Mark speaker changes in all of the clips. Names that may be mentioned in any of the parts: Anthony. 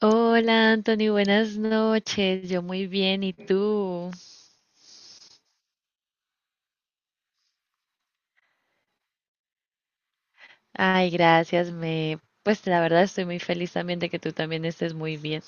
Speaker 1: Hola Anthony, buenas noches. Yo muy bien, ¿y tú? Ay, gracias, me pues la verdad estoy muy feliz también de que tú también estés muy bien.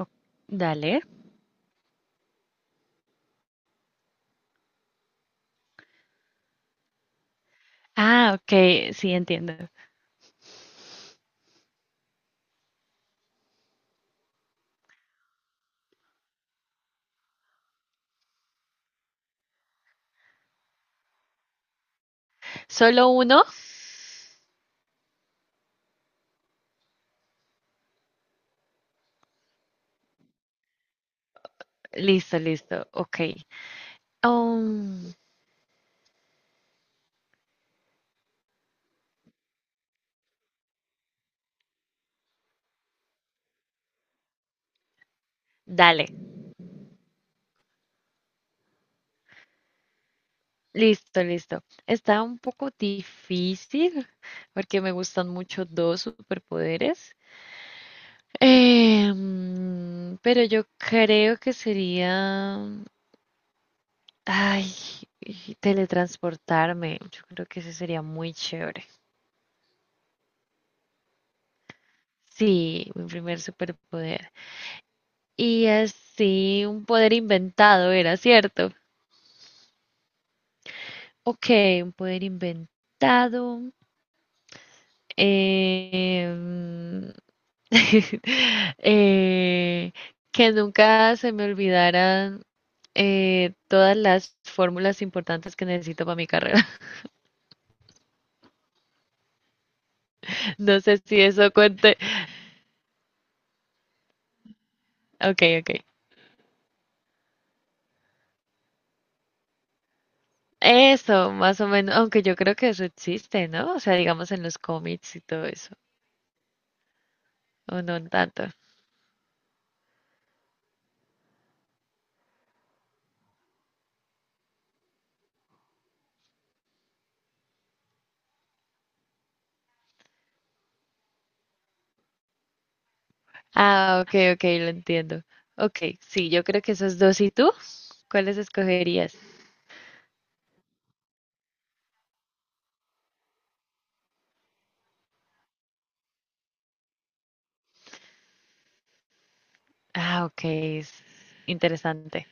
Speaker 1: Oh, dale. Ah, ok, sí entiendo. ¿Solo uno? Listo, listo. Ok. Um, Dale. Listo, listo. Está un poco difícil porque me gustan mucho dos superpoderes. Pero yo creo que sería ay, y teletransportarme. Yo creo que ese sería muy chévere. Sí, mi primer superpoder. Y así, un poder inventado era, ¿cierto? Ok, un poder inventado. em, eh, que nunca se me olvidaran todas las fórmulas importantes que necesito para mi carrera. No sé si eso cuente. Ok, ok. Eso, más o menos, aunque yo creo que eso existe, ¿no? O sea, digamos en los cómics y todo eso, o no tanto. Ah, ok, ok, lo entiendo. Ok, sí, yo creo que esos dos. ¿Y tú? ¿Cuáles escogerías? Ah, ok, es interesante.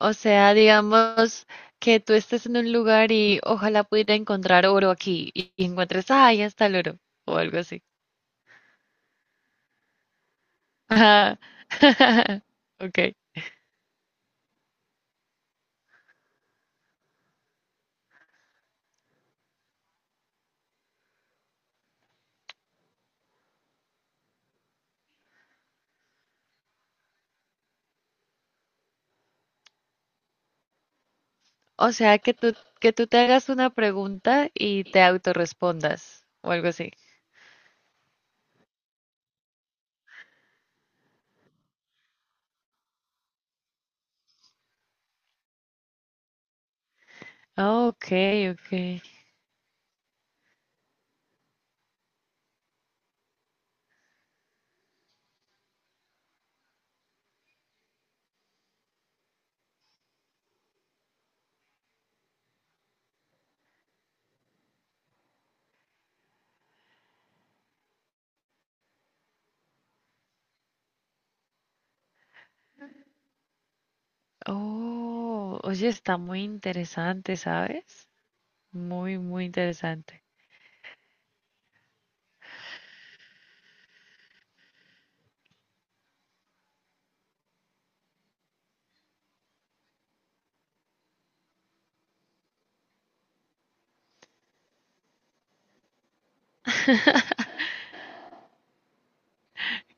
Speaker 1: O sea, digamos que tú estés en un lugar y ojalá pudiera encontrar oro aquí y encuentres, ah, ahí está el oro, o algo así. Ajá. Ok. O sea, que tú te hagas una pregunta y te autorrespondas o algo así. Ah, ok, ok. Oh, oye, está muy interesante, ¿sabes? Muy, muy interesante.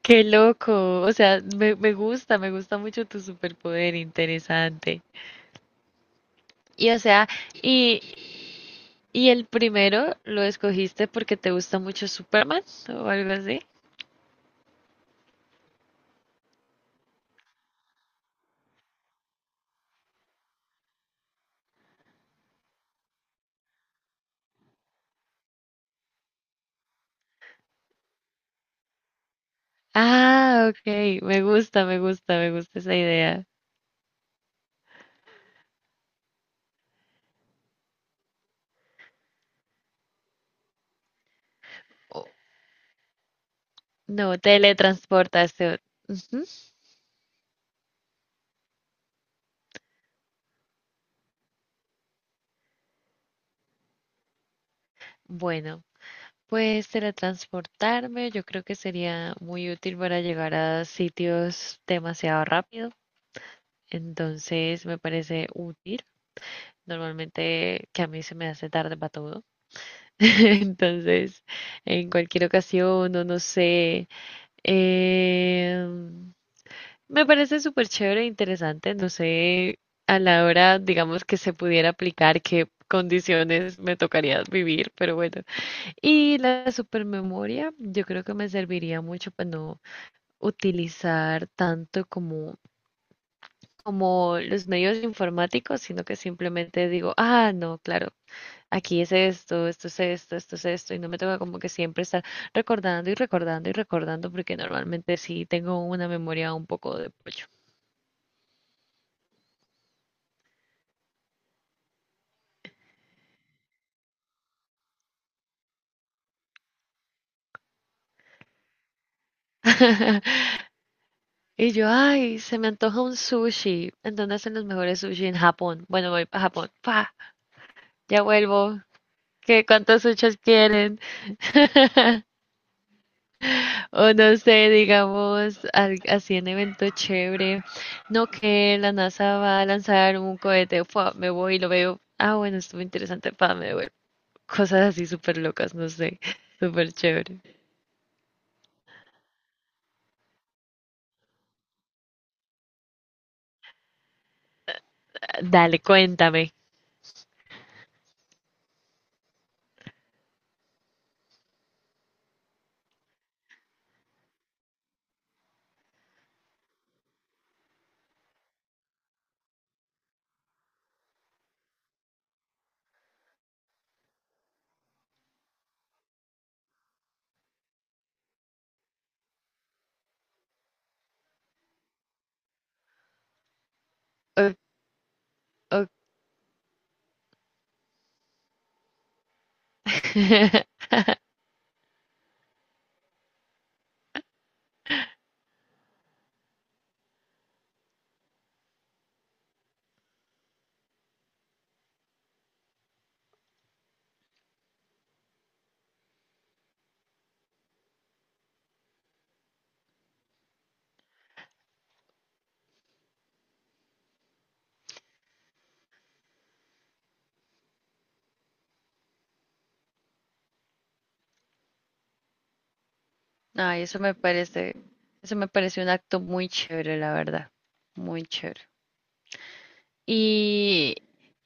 Speaker 1: Qué loco. O sea, me gusta mucho tu superpoder, interesante. Y o sea, y, y el primero lo escogiste porque te gusta mucho Superman o algo así. Ah, ok, me gusta, me gusta, me gusta esa idea. No, teletransportación. Ujú. Bueno, pues teletransportarme yo creo que sería muy útil para llegar a sitios demasiado rápido. Entonces me parece útil. Normalmente que a mí se me hace tarde para todo. Entonces, en cualquier ocasión, o no sé. em, Me parece súper chévere e interesante. No sé a la hora, digamos, que se pudiera aplicar qué condiciones me tocaría vivir, pero bueno. Y la supermemoria, yo creo que me serviría mucho para no utilizar tanto como los medios informáticos, sino que simplemente digo, ah, no, claro, aquí es esto, esto es esto, esto es esto, y no me toca como que siempre estar recordando y recordando y recordando, porque normalmente sí tengo una memoria un poco de pollo. Y yo, ay, se me antoja un sushi. ¿En dónde hacen los mejores sushi? En Japón. Bueno, voy para Japón. Pa Ya vuelvo. Que cuántas huchas quieren. O no sé, digamos, así en evento chévere. No que la NASA va a lanzar un cohete, ¡fua! Me voy y lo veo. Ah, bueno, estuvo interesante, pa, me devuelvo. Cosas así súper locas, no sé. Súper chévere. Dale, cuéntame. O- o- Ay, eso me parece un acto muy chévere, la verdad. Muy chévere. Y,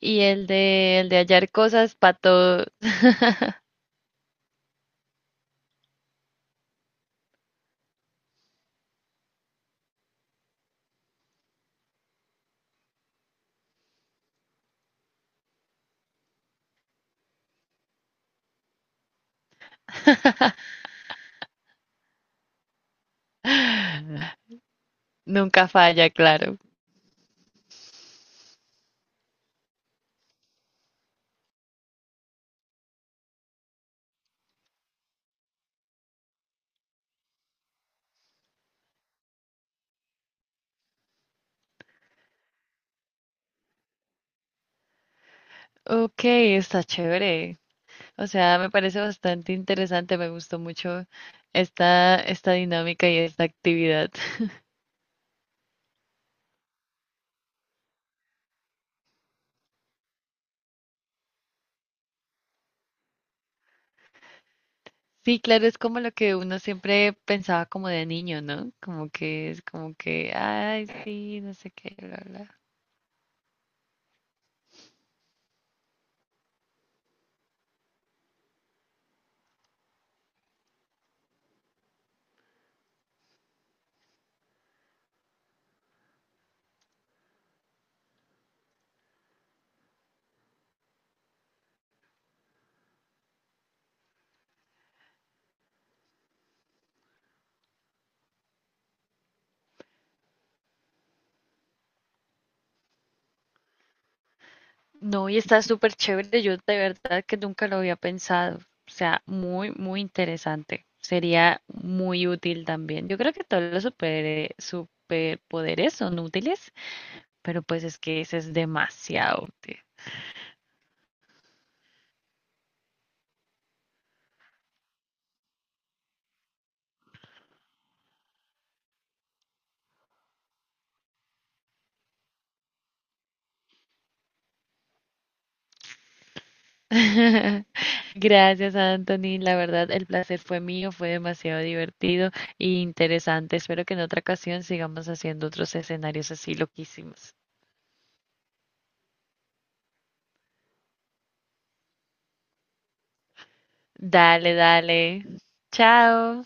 Speaker 1: el de hallar cosas para todo. Nunca falla, claro. Ok, está chévere. O sea, me parece bastante interesante. Me gustó mucho esta dinámica y esta actividad. Sí, claro, es como lo que uno siempre pensaba como de niño, ¿no? Como que es como que, ay, sí, no sé qué, bla, bla. No, y está súper chévere. Yo de verdad que nunca lo había pensado. O sea, muy, muy interesante. Sería muy útil también. Yo creo que todos los superpoderes son útiles, pero pues es que ese es demasiado útil. Gracias, Anthony. La verdad, el placer fue mío, fue demasiado divertido e interesante. Espero que en otra ocasión sigamos haciendo otros escenarios así loquísimos. Dale, dale. Chao.